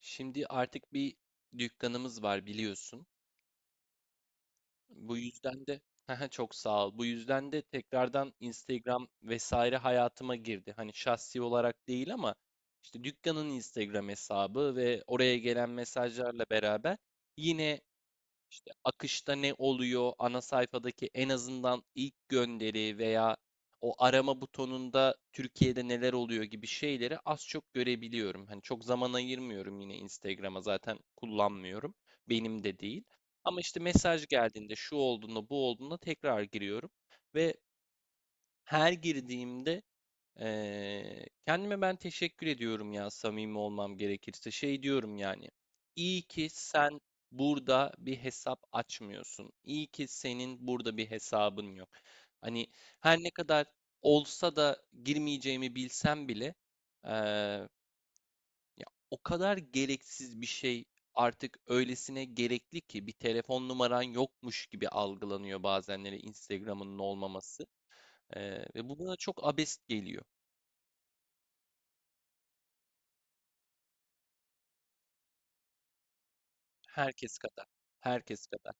Şimdi artık bir dükkanımız var biliyorsun. Bu yüzden de çok sağ ol. Bu yüzden de tekrardan Instagram vesaire hayatıma girdi. Hani şahsi olarak değil ama işte dükkanın Instagram hesabı ve oraya gelen mesajlarla beraber yine işte akışta ne oluyor, ana sayfadaki en azından ilk gönderi veya o arama butonunda Türkiye'de neler oluyor gibi şeyleri az çok görebiliyorum. Hani çok zaman ayırmıyorum yine Instagram'a zaten kullanmıyorum. Benim de değil. Ama işte mesaj geldiğinde şu olduğunda bu olduğunda tekrar giriyorum ve her girdiğimde kendime ben teşekkür ediyorum ya samimi olmam gerekirse. Şey diyorum yani. İyi ki sen burada bir hesap açmıyorsun. İyi ki senin burada bir hesabın yok. Hani her ne kadar olsa da girmeyeceğimi bilsem bile eee, ya o kadar gereksiz bir şey artık öylesine gerekli ki bir telefon numaran yokmuş gibi algılanıyor bazenleri Instagram'ın olmaması. Ve bu bana çok abest geliyor. Herkes kadar. Herkes kadar.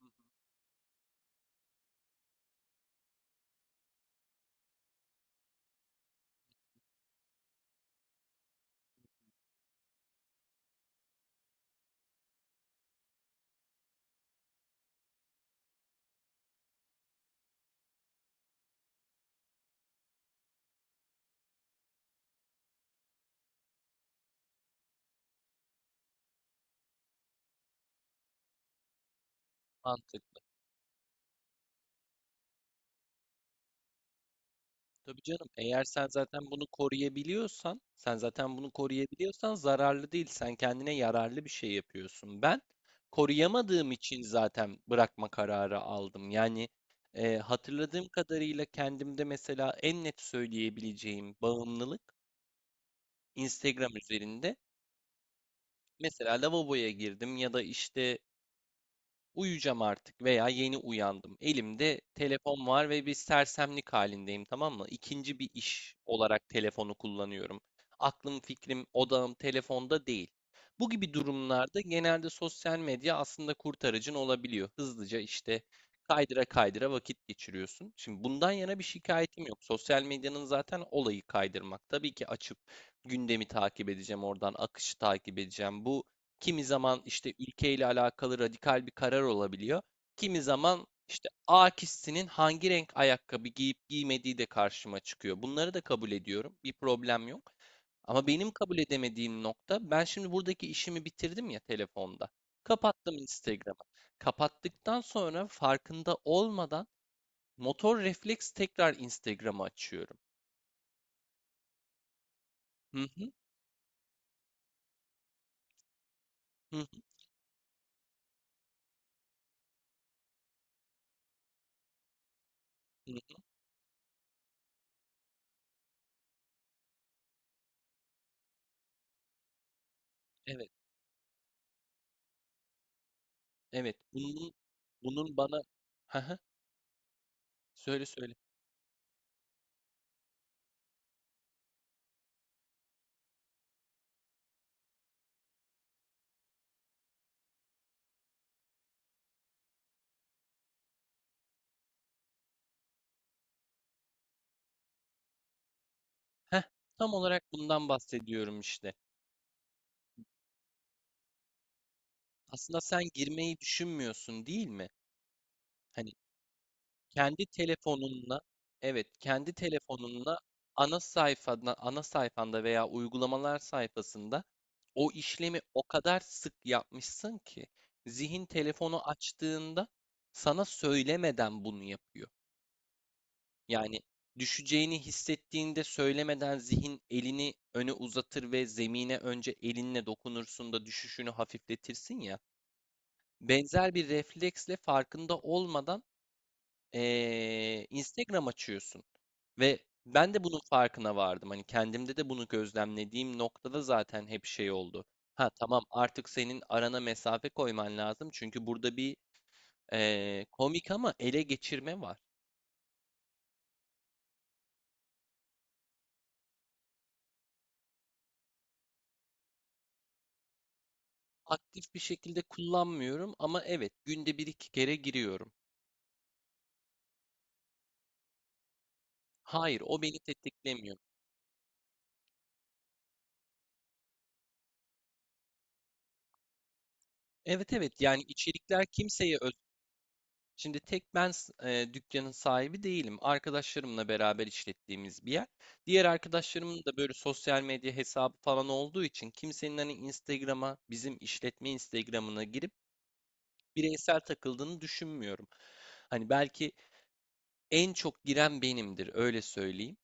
Hı hı. Mantıklı. Tabii canım, eğer sen zaten bunu koruyabiliyorsan, sen zaten bunu koruyabiliyorsan zararlı değil. Sen kendine yararlı bir şey yapıyorsun. Ben koruyamadığım için zaten bırakma kararı aldım. Yani hatırladığım kadarıyla kendimde mesela en net söyleyebileceğim bağımlılık Instagram üzerinde. Mesela lavaboya girdim ya da işte uyuyacağım artık veya yeni uyandım. Elimde telefon var ve bir sersemlik halindeyim, tamam mı? İkinci bir iş olarak telefonu kullanıyorum. Aklım, fikrim, odağım telefonda değil. Bu gibi durumlarda genelde sosyal medya aslında kurtarıcın olabiliyor. Hızlıca işte kaydıra kaydıra vakit geçiriyorsun. Şimdi bundan yana bir şikayetim yok. Sosyal medyanın zaten olayı kaydırmak. Tabii ki açıp gündemi takip edeceğim, oradan akışı takip edeceğim. Kimi zaman işte ülkeyle alakalı radikal bir karar olabiliyor. Kimi zaman işte A kişisinin hangi renk ayakkabı giyip giymediği de karşıma çıkıyor. Bunları da kabul ediyorum. Bir problem yok. Ama benim kabul edemediğim nokta, ben şimdi buradaki işimi bitirdim ya telefonda. Kapattım Instagram'ı. Kapattıktan sonra farkında olmadan motor refleks tekrar Instagram'ı açıyorum. Hı hı, hı hı, hı hı. Evet, evet. Bunun bana... Hı hı. Söyle söyle. Heh, tam olarak bundan bahsediyorum işte. Aslında sen girmeyi düşünmüyorsun değil mi? Hani kendi telefonunla, evet kendi telefonunla ana sayfanda veya uygulamalar sayfasında o işlemi o kadar sık yapmışsın ki zihin telefonu açtığında sana söylemeden bunu yapıyor. Yani düşeceğini hissettiğinde söylemeden zihin elini öne uzatır ve zemine önce elinle dokunursun da düşüşünü hafifletirsin ya. Benzer bir refleksle farkında olmadan Instagram açıyorsun. Ve ben de bunun farkına vardım. Hani kendimde de bunu gözlemlediğim noktada zaten hep şey oldu. Ha, tamam, artık senin arana mesafe koyman lazım. Çünkü burada bir komik ama ele geçirme var. Aktif bir şekilde kullanmıyorum ama evet günde bir iki kere giriyorum. Hayır, o beni tetiklemiyor. Evet, evet, yani içerikler kimseye öz Şimdi tek ben s- e, dükkanın sahibi değilim. Arkadaşlarımla beraber işlettiğimiz bir yer. Diğer arkadaşlarımın da böyle sosyal medya hesabı falan olduğu için kimsenin hani bizim işletme Instagram'ına girip bireysel takıldığını düşünmüyorum. Hani belki en çok giren benimdir, öyle söyleyeyim.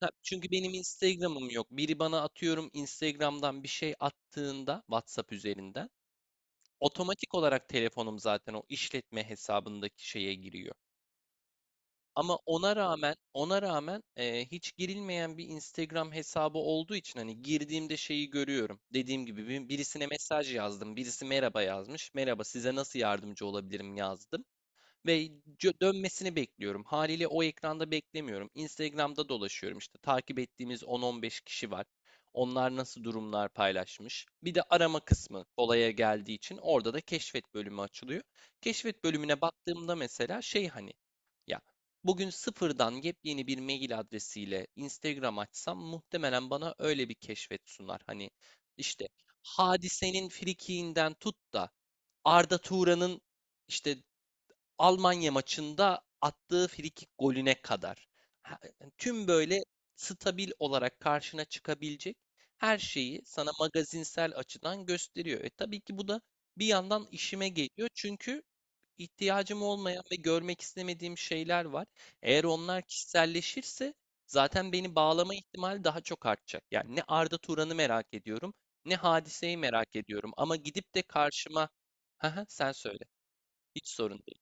Ha, çünkü benim Instagram'ım yok. Biri bana, atıyorum, Instagram'dan bir şey attığında WhatsApp üzerinden otomatik olarak telefonum zaten o işletme hesabındaki şeye giriyor. Ama ona rağmen hiç girilmeyen bir Instagram hesabı olduğu için hani girdiğimde şeyi görüyorum. Dediğim gibi birisine mesaj yazdım. Birisi merhaba yazmış. Merhaba, size nasıl yardımcı olabilirim yazdım. Ve dönmesini bekliyorum. Haliyle o ekranda beklemiyorum. Instagram'da dolaşıyorum. İşte. Takip ettiğimiz 10-15 kişi var. Onlar nasıl durumlar paylaşmış. Bir de arama kısmı olaya geldiği için orada da keşfet bölümü açılıyor. Keşfet bölümüne baktığımda mesela şey, hani ya, bugün sıfırdan yepyeni bir mail adresiyle Instagram açsam muhtemelen bana öyle bir keşfet sunar. Hani işte Hadise'nin frikiğinden tut da Arda Turan'ın işte Almanya maçında attığı frikik golüne kadar. Tüm böyle stabil olarak karşına çıkabilecek her şeyi sana magazinsel açıdan gösteriyor. E, tabii ki bu da bir yandan işime geliyor. Çünkü ihtiyacım olmayan ve görmek istemediğim şeyler var. Eğer onlar kişiselleşirse zaten beni bağlama ihtimali daha çok artacak. Yani ne Arda Turan'ı merak ediyorum, ne hadiseyi merak ediyorum. Ama gidip de karşıma, sen söyle, hiç sorun değil.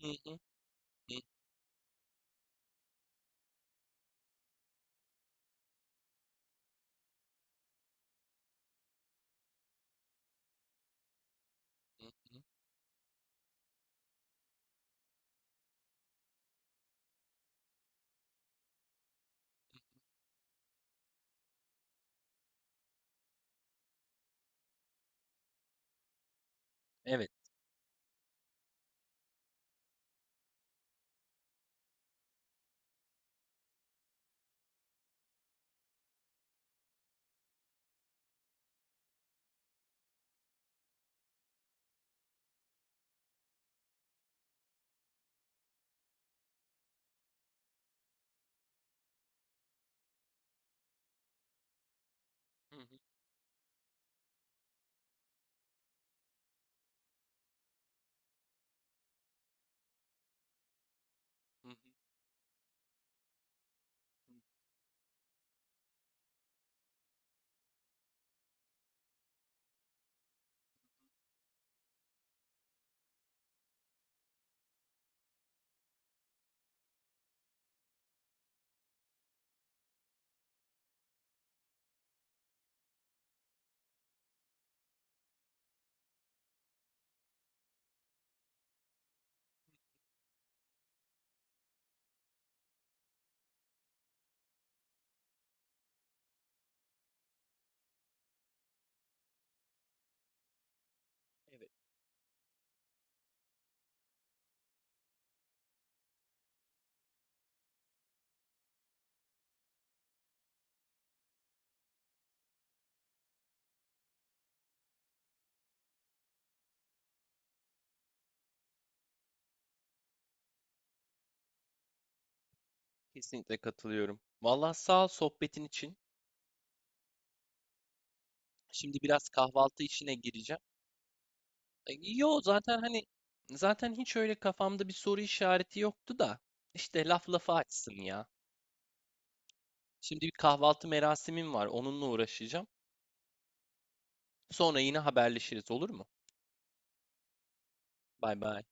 Hı hı. Hı hı. Evet. Hı hı. Hı hı. Hı. Kesinlikle katılıyorum. Vallahi sağ ol sohbetin için. Şimdi biraz kahvaltı işine gireceğim. Yo, zaten hiç öyle kafamda bir soru işareti yoktu da işte laf lafa açsın ya. Şimdi bir kahvaltı merasimim var. Onunla uğraşacağım. Sonra yine haberleşiriz, olur mu? Bay bay.